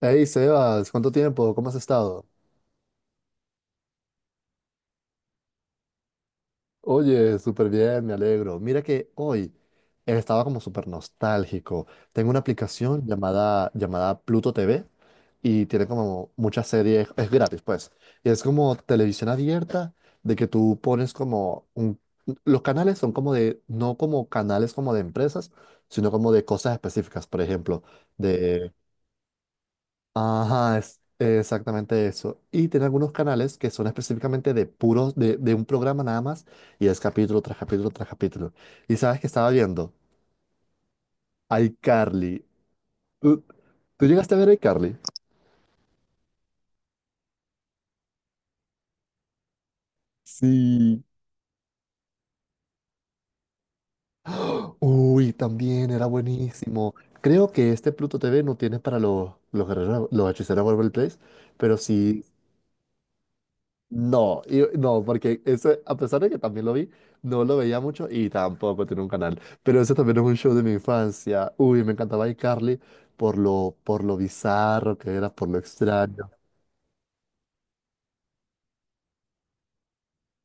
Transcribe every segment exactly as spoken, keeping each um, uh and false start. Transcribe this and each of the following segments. Hey Sebas, ¿cuánto tiempo? ¿Cómo has estado? Oye, súper bien, me alegro. Mira que hoy estaba como súper nostálgico. Tengo una aplicación llamada, llamada Pluto T V y tiene como muchas series, es gratis pues. Y es como televisión abierta de que tú pones como un... Los canales son como de, no como canales como de empresas, sino como de cosas específicas, por ejemplo, ajá, es exactamente eso. Y tiene algunos canales que son específicamente de puros, de, de un programa nada más, y es capítulo tras capítulo tras capítulo. Y sabes que estaba viendo iCarly. ¿Tú, tú llegaste a ver iCarly? Sí. Uy, también era buenísimo. Creo que este Pluto T V no tiene para los, los guerreros, los hechiceros Waverly Place, pero sí No, y- no, porque ese, a pesar de que también lo vi, no lo veía mucho y tampoco tiene un canal. Pero ese también es un show de mi infancia. Uy, me encantaba iCarly por lo, por lo bizarro que era, por lo extraño.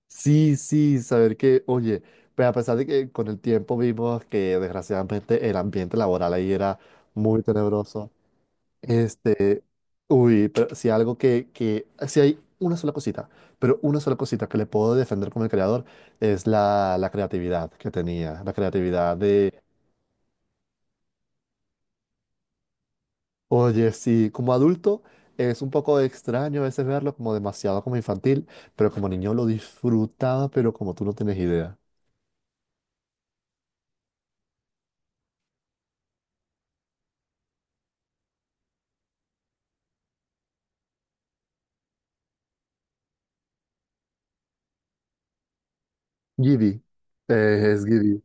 Sí, sí, saber que, oye, pues a pesar de que con el tiempo vimos que desgraciadamente el ambiente laboral ahí era muy tenebroso. Uy, pero si algo que, que, si hay una sola cosita, pero una sola cosita que le puedo defender como el creador es la, la creatividad que tenía, la creatividad de, oye, sí, como adulto es un poco extraño a veces verlo como demasiado como infantil, pero como niño lo disfrutaba, pero como tú no tienes idea. Giddy, eh, es Giddy.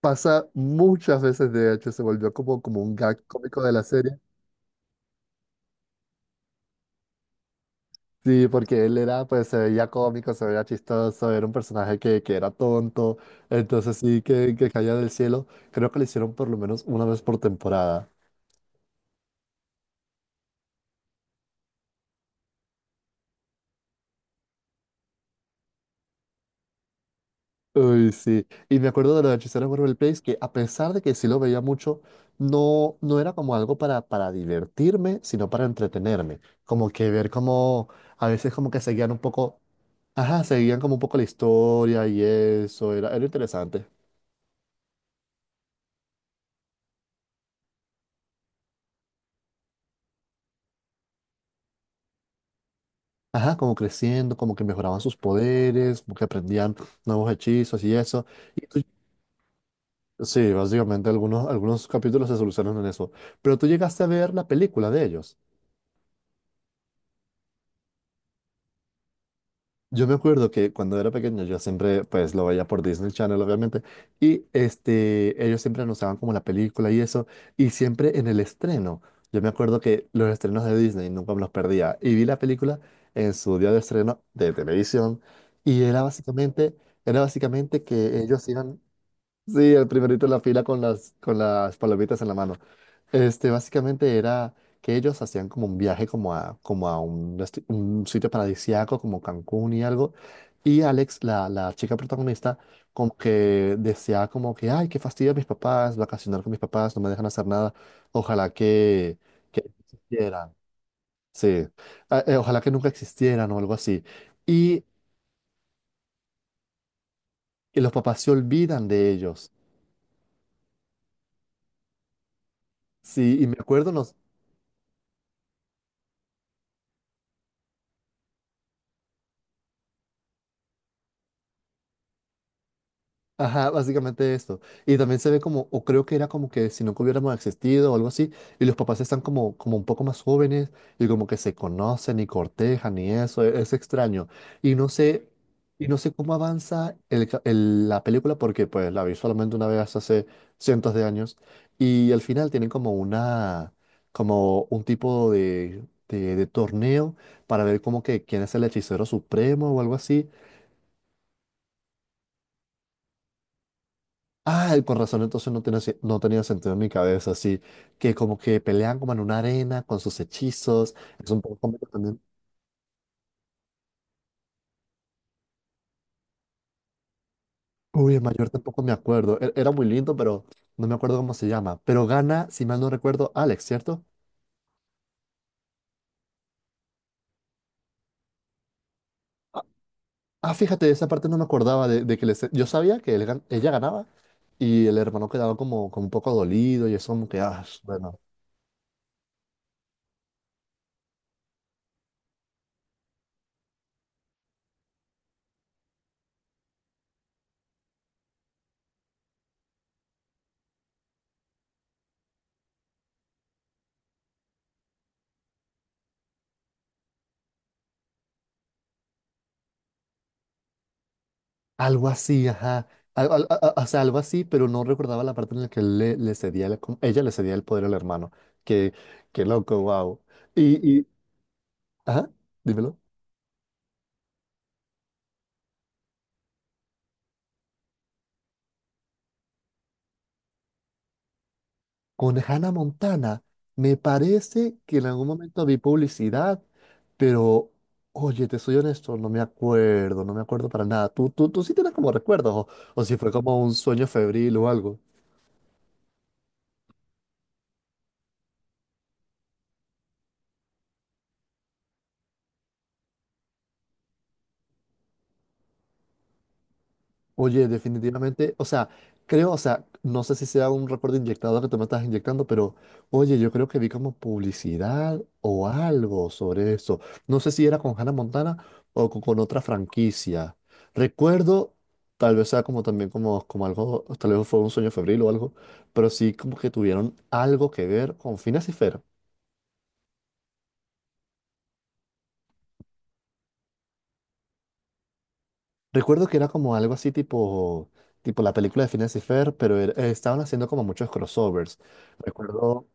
Pasa muchas veces, de hecho, se volvió como, como un gag cómico de la serie. Sí, porque él era, pues se veía cómico, se veía chistoso, era un personaje que, que era tonto, entonces sí, que, que caía del cielo. Creo que lo hicieron por lo menos una vez por temporada. Uy, sí. Y me acuerdo de los hechiceros de Waverly Place, que a pesar de que sí lo veía mucho, no, no era como algo para, para divertirme, sino para entretenerme. Como que ver como, a veces como que seguían un poco, ajá, seguían como un poco la historia y eso, era, era interesante. Ajá, como creciendo, como que mejoraban sus poderes, como que aprendían nuevos hechizos y eso. Y tú- sí, básicamente algunos, algunos capítulos se solucionan en eso. Pero tú llegaste a ver la película de ellos. Yo me acuerdo que cuando era pequeño yo siempre pues lo veía por Disney Channel obviamente y este ellos siempre anunciaban como la película y eso y siempre en el estreno. Yo me acuerdo que los estrenos de Disney nunca me los perdía y vi la película en su día de estreno de televisión y era básicamente era básicamente que ellos iban. Sí, el primerito en la fila con las, con las palomitas en la mano. Este, básicamente era que ellos hacían como un viaje como a, como a un, desti- un sitio paradisíaco como Cancún y algo. Y Alex, la, la chica protagonista, como que deseaba como que, ay, qué fastidio a mis papás, vacacionar con mis papás, no me dejan hacer nada. Ojalá que, que existieran. Sí, ah, eh, ojalá que nunca existieran o algo así. Y, y los papás se olvidan de ellos. Sí, y me acuerdo, nos, ajá, básicamente esto. Y también se ve como, o creo que era como que si nunca hubiéramos existido o algo así, y los papás están como, como un poco más jóvenes y como que se conocen y cortejan y eso, e- es, extraño. Y no sé, y no sé cómo avanza el ca- el- la película porque pues la vi solamente una vez hace cientos de años y al final tienen como una, como un tipo de, de, de torneo para ver como que quién es el hechicero supremo o algo así. Ah, con razón, entonces no tenía, se- no tenía sentido en mi cabeza, así que como que pelean como en una arena con sus hechizos, es un poco cómico también. Uy, el mayor tampoco me acuerdo, e- era muy lindo, pero no me acuerdo cómo se llama, pero gana, si mal no recuerdo, Alex, ¿cierto? Ah, ah, fíjate, esa parte no me acordaba de, de que les, yo sabía que él gan- ella ganaba y el hermano quedaba como, como un poco dolido y eso como que, ah, bueno. Algo así, ajá. Al- al- a- a- o sea, algo así, pero no recordaba la parte en la que él le, le cedía la com- ella le cedía el poder al hermano. Qué, qué loco, wow. Y, y, ajá, dímelo. Con Hannah Montana, me parece que en algún momento vi publicidad, pero, oye, te soy honesto, no me acuerdo, no me acuerdo para nada. ¿Tú, tú, tú sí tienes como recuerdos o, o si fue como un sueño febril o algo? Oye, definitivamente, o sea, creo, o sea, no sé si sea un recuerdo inyectado que tú me estás inyectando, pero oye, yo creo que vi como publicidad o algo sobre eso. No sé si era con Hannah Montana o co- con, otra franquicia. Recuerdo, tal vez sea como también como, como algo, tal vez fue un sueño febril o algo, pero sí como que tuvieron algo que ver con Phineas y Ferb. Recuerdo que era como algo así tipo, tipo la película de Phineas y Ferb, pero era- estaban haciendo como muchos crossovers. Recuerdo.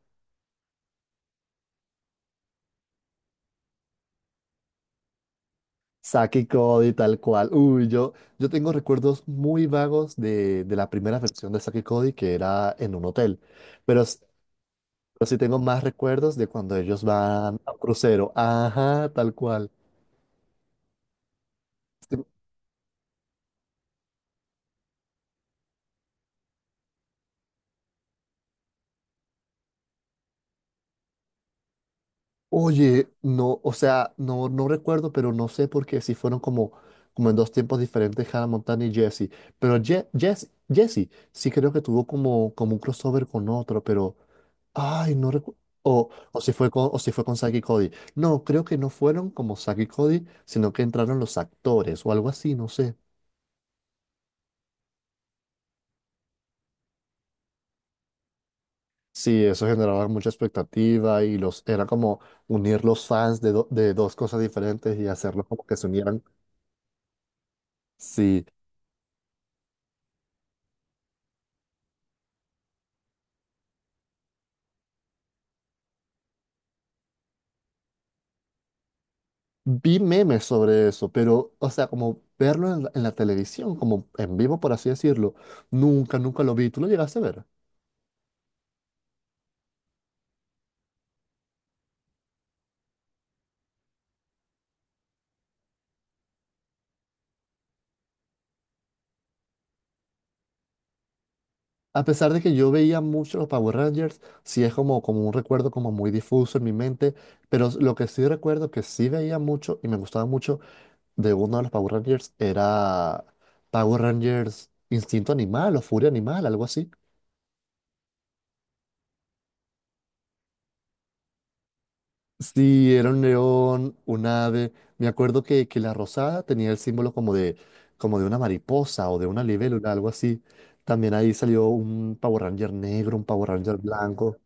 Saki y Cody, tal cual. Uy, yo, yo tengo recuerdos muy vagos de, de la primera versión de Saki y Cody, que era en un hotel. Pero, s- pero sí tengo más recuerdos de cuando ellos van a un crucero. Ajá, tal cual. Sí, oye, no, o sea, no, no recuerdo, pero no sé por qué si fueron como, como en dos tiempos diferentes Hannah Montana y Jesse. Pero Je Jess- Jesse sí creo que tuvo como, como un crossover con otro, pero. Ay, no recuerdo. O, o si fue con, o si fue con Zack y Cody. No, creo que no fueron como Zack y Cody, sino que entraron los actores o algo así, no sé. Sí, eso generaba mucha expectativa y los era como unir los fans de, do- de dos cosas diferentes y hacerlos como que se unieran. Sí, vi memes sobre eso, pero, o sea, como verlo en la, en la televisión, como en vivo, por así decirlo, nunca, nunca lo vi. ¿Tú lo llegaste a ver? A pesar de que yo veía mucho los Power Rangers, sí es como, como un recuerdo como muy difuso en mi mente, pero s- lo que sí recuerdo que sí veía mucho y me gustaba mucho de uno de los Power Rangers era Power Rangers Instinto Animal o Furia Animal, algo así. Sí, era un león, un ave. Me acuerdo que, que la rosada tenía el símbolo como de, como de una mariposa o de una libélula, algo así. También ahí salió un Power Ranger negro, un Power Ranger blanco.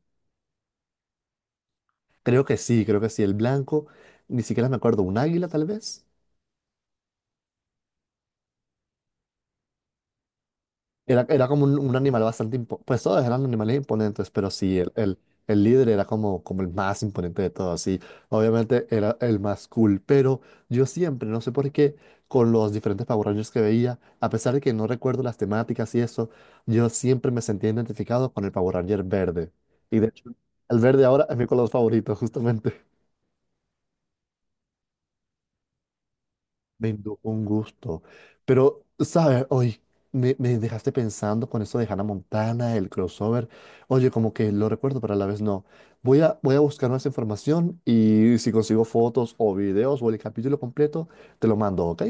Creo que sí, creo que sí. El blanco, ni siquiera me acuerdo, un águila tal vez. Era, era como un, un animal bastante impo- Pues todos eran animales imponentes, pero sí, el, el, el líder era como, como el más imponente de todos. Sí, obviamente era el más cool, pero yo siempre, no sé por qué, con los diferentes Power Rangers que veía, a pesar de que no recuerdo las temáticas y eso, yo siempre me sentía identificado con el Power Ranger verde. Y de hecho, el verde ahora es mi color favorito, justamente. Bendito, un gusto. Pero, ¿sabes? Hoy me, me dejaste pensando con eso de Hannah Montana, el crossover. Oye, como que lo recuerdo, pero a la vez no. Voy a, voy a buscar más información y si consigo fotos o videos o el capítulo completo, te lo mando, ¿ok?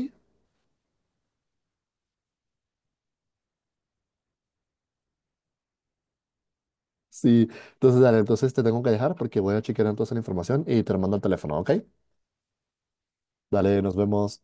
Sí. Entonces, dale, entonces te tengo que dejar porque voy a chequear entonces la información y te lo mando al teléfono, ¿ok? Dale, nos vemos.